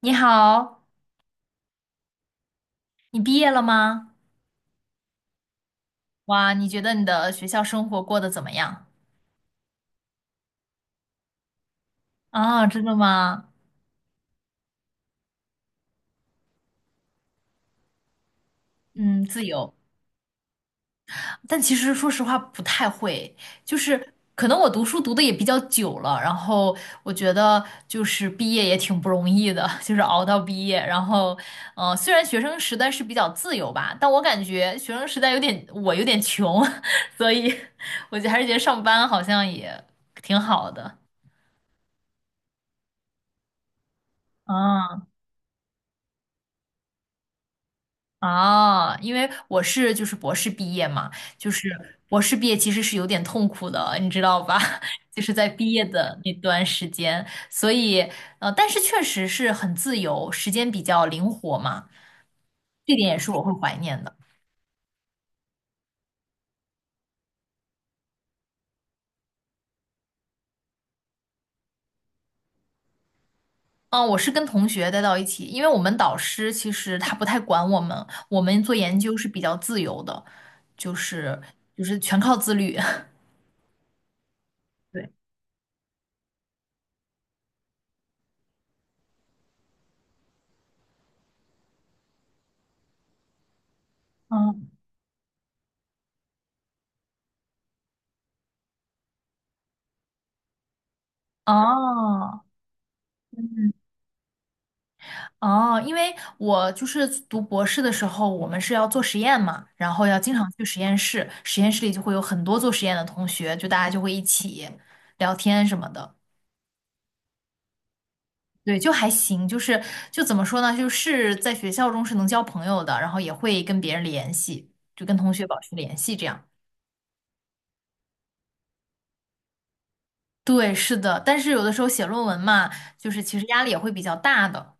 你好，你毕业了吗？哇，你觉得你的学校生活过得怎么样？啊，真的吗？嗯，自由，但其实说实话不太会，就是可能我读书读的也比较久了，然后我觉得就是毕业也挺不容易的，就是熬到毕业，然后，嗯，虽然学生时代是比较自由吧，但我感觉学生时代有点我有点穷，所以我就还是觉得上班好像也挺好的。啊。啊，因为我是就是博士毕业嘛，就是博士毕业其实是有点痛苦的，你知道吧？就是在毕业的那段时间，所以但是确实是很自由，时间比较灵活嘛，这点也是我会怀念的。嗯，我是跟同学待到一起，因为我们导师其实他不太管我们，我们做研究是比较自由的，就是就是全靠自律。对，嗯，哦，嗯哦，因为我就是读博士的时候，我们是要做实验嘛，然后要经常去实验室，实验室里就会有很多做实验的同学，就大家就会一起聊天什么的。对，就还行，就怎么说呢，就是在学校中是能交朋友的，然后也会跟别人联系，就跟同学保持联系这样。对，是的，但是有的时候写论文嘛，就是其实压力也会比较大的。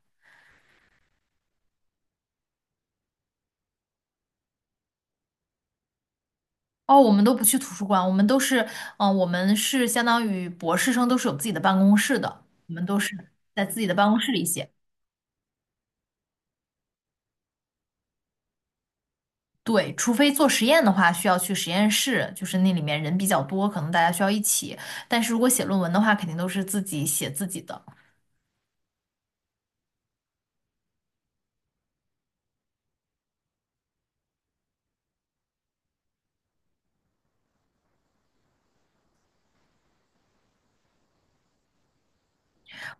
哦，我们都不去图书馆，我们都是，我们是相当于博士生都是有自己的办公室的，我们都是在自己的办公室里写。对，除非做实验的话，需要去实验室，就是那里面人比较多，可能大家需要一起。但是如果写论文的话，肯定都是自己写自己的。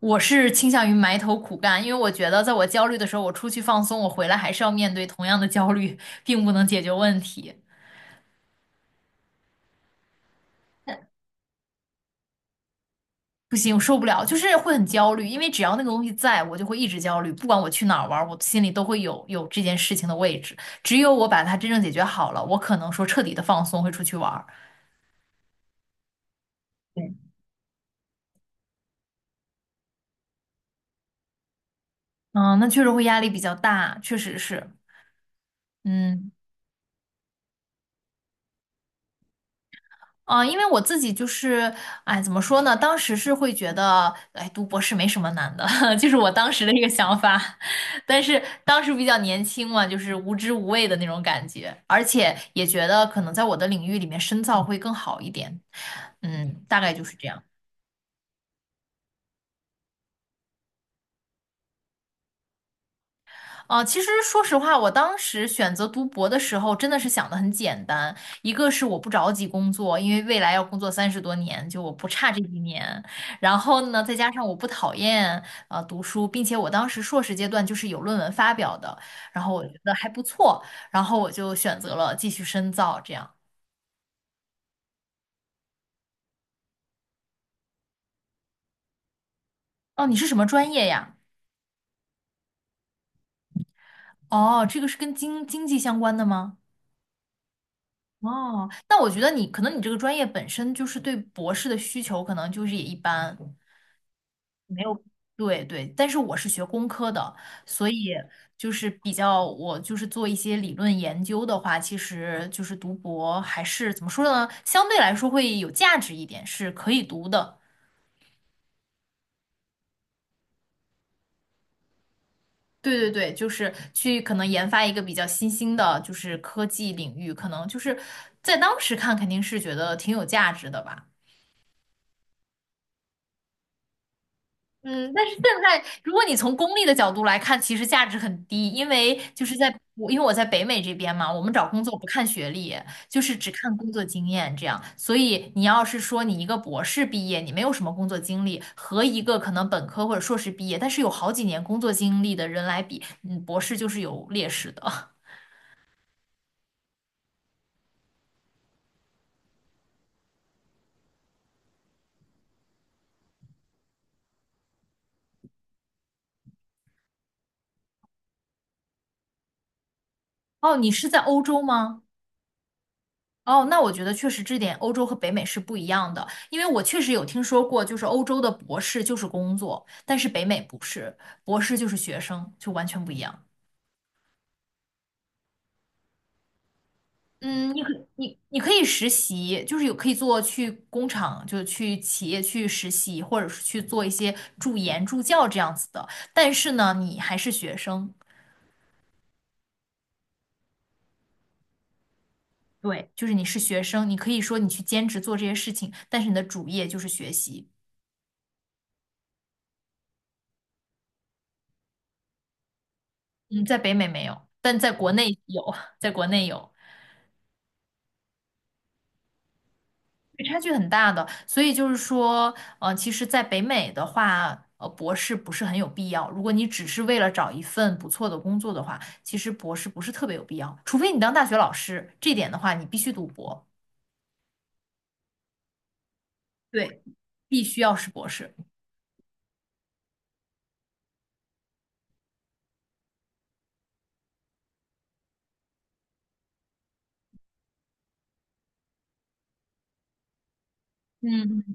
我是倾向于埋头苦干，因为我觉得在我焦虑的时候，我出去放松，我回来还是要面对同样的焦虑，并不能解决问题。不行，我受不了，就是会很焦虑，因为只要那个东西在，我就会一直焦虑，不管我去哪儿玩儿，我心里都会有这件事情的位置。只有我把它真正解决好了，我可能说彻底的放松，会出去玩儿。对，嗯，那确实会压力比较大，确实是。嗯，啊，因为我自己就是，哎，怎么说呢？当时是会觉得，哎，读博士没什么难的，就是我当时的一个想法。但是当时比较年轻嘛，就是无知无畏的那种感觉，而且也觉得可能在我的领域里面深造会更好一点。嗯，大概就是这样。啊，其实说实话，我当时选择读博的时候，真的是想的很简单。一个是我不着急工作，因为未来要工作三十多年，就我不差这一年。然后呢，再加上我不讨厌读书，并且我当时硕士阶段就是有论文发表的，然后我觉得还不错，然后我就选择了继续深造。这样，哦，你是什么专业呀？哦，这个是跟经济相关的吗？哦，那我觉得你可能你这个专业本身就是对博士的需求可能就是也一般。没有，对对，但是我是学工科的，所以就是比较，我就是做一些理论研究的话，其实就是读博还是怎么说呢，相对来说会有价值一点，是可以读的。对对对，就是去可能研发一个比较新兴的，就是科技领域，可能就是在当时看肯定是觉得挺有价值的吧。嗯，但是现在如果你从功利的角度来看，其实价值很低，因为我在北美这边嘛，我们找工作不看学历，就是只看工作经验这样。所以你要是说你一个博士毕业，你没有什么工作经历，和一个可能本科或者硕士毕业，但是有好几年工作经历的人来比，嗯，博士就是有劣势的。哦，你是在欧洲吗？哦，那我觉得确实这点欧洲和北美是不一样的，因为我确实有听说过，就是欧洲的博士就是工作，但是北美不是，博士就是学生，就完全不一样。嗯，你可以实习，就是有可以做去工厂，就去企业去实习，或者是去做一些助研助教这样子的，但是呢，你还是学生。对，就是你是学生，你可以说你去兼职做这些事情，但是你的主业就是学习。嗯，在北美没有，但在国内有，在国内有。对差距很大的，所以就是说，其实，在北美的话，博士不是很有必要。如果你只是为了找一份不错的工作的话，其实博士不是特别有必要，除非你当大学老师，这点的话，你必须读博，对，必须要是博士。嗯，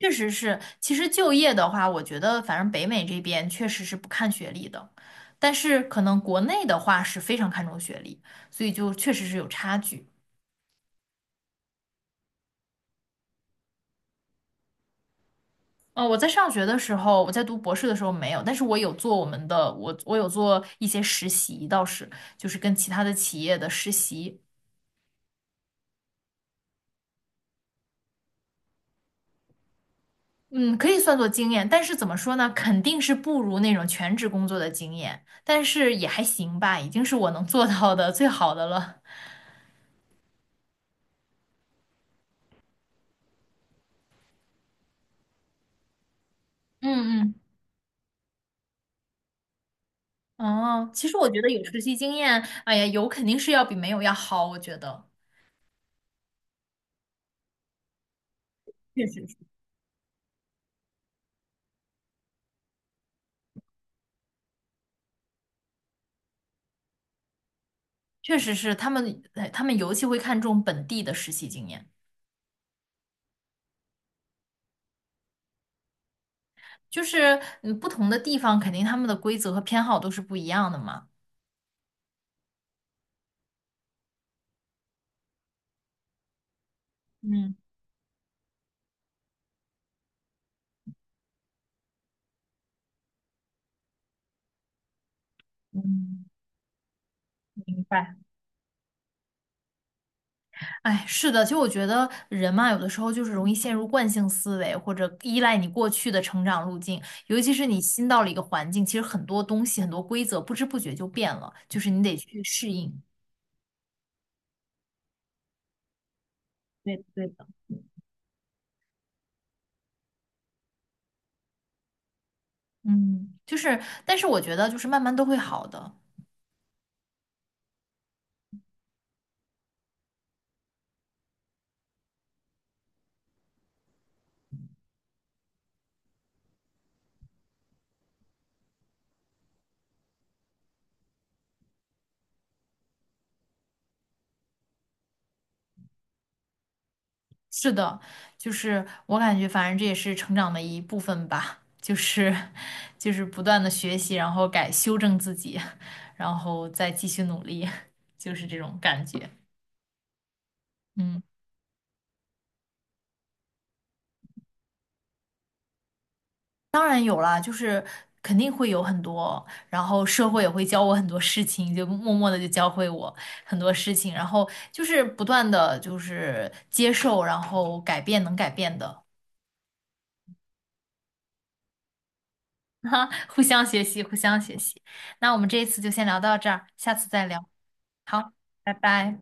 确实是，其实就业的话，我觉得反正北美这边确实是不看学历的，但是可能国内的话是非常看重学历，所以就确实是有差距。我在上学的时候，我在读博士的时候没有，但是我有做我们的，我有做一些实习，倒是就是跟其他的企业的实习，嗯，可以算作经验，但是怎么说呢，肯定是不如那种全职工作的经验，但是也还行吧，已经是我能做到的最好的了。嗯嗯，哦，其实我觉得有实习经验，哎呀，有肯定是要比没有要好，我觉得确实是，确实是他们，哎他们尤其会看重本地的实习经验。就是嗯，不同的地方肯定他们的规则和偏好都是不一样的嘛。嗯嗯，明白。哎，是的，其实我觉得人嘛，有的时候就是容易陷入惯性思维，或者依赖你过去的成长路径。尤其是你新到了一个环境，其实很多东西、很多规则不知不觉就变了，就是你得去适应。对的对的。嗯，就是，但是我觉得就是慢慢都会好的。是的，就是我感觉，反正这也是成长的一部分吧，就是不断的学习，然后改修正自己，然后再继续努力，就是这种感觉。嗯，当然有啦，就是肯定会有很多，然后社会也会教我很多事情，就默默的就教会我很多事情，然后就是不断的就是接受，然后改变能改变的，哈，互相学习，互相学习。那我们这一次就先聊到这儿，下次再聊。好，拜拜。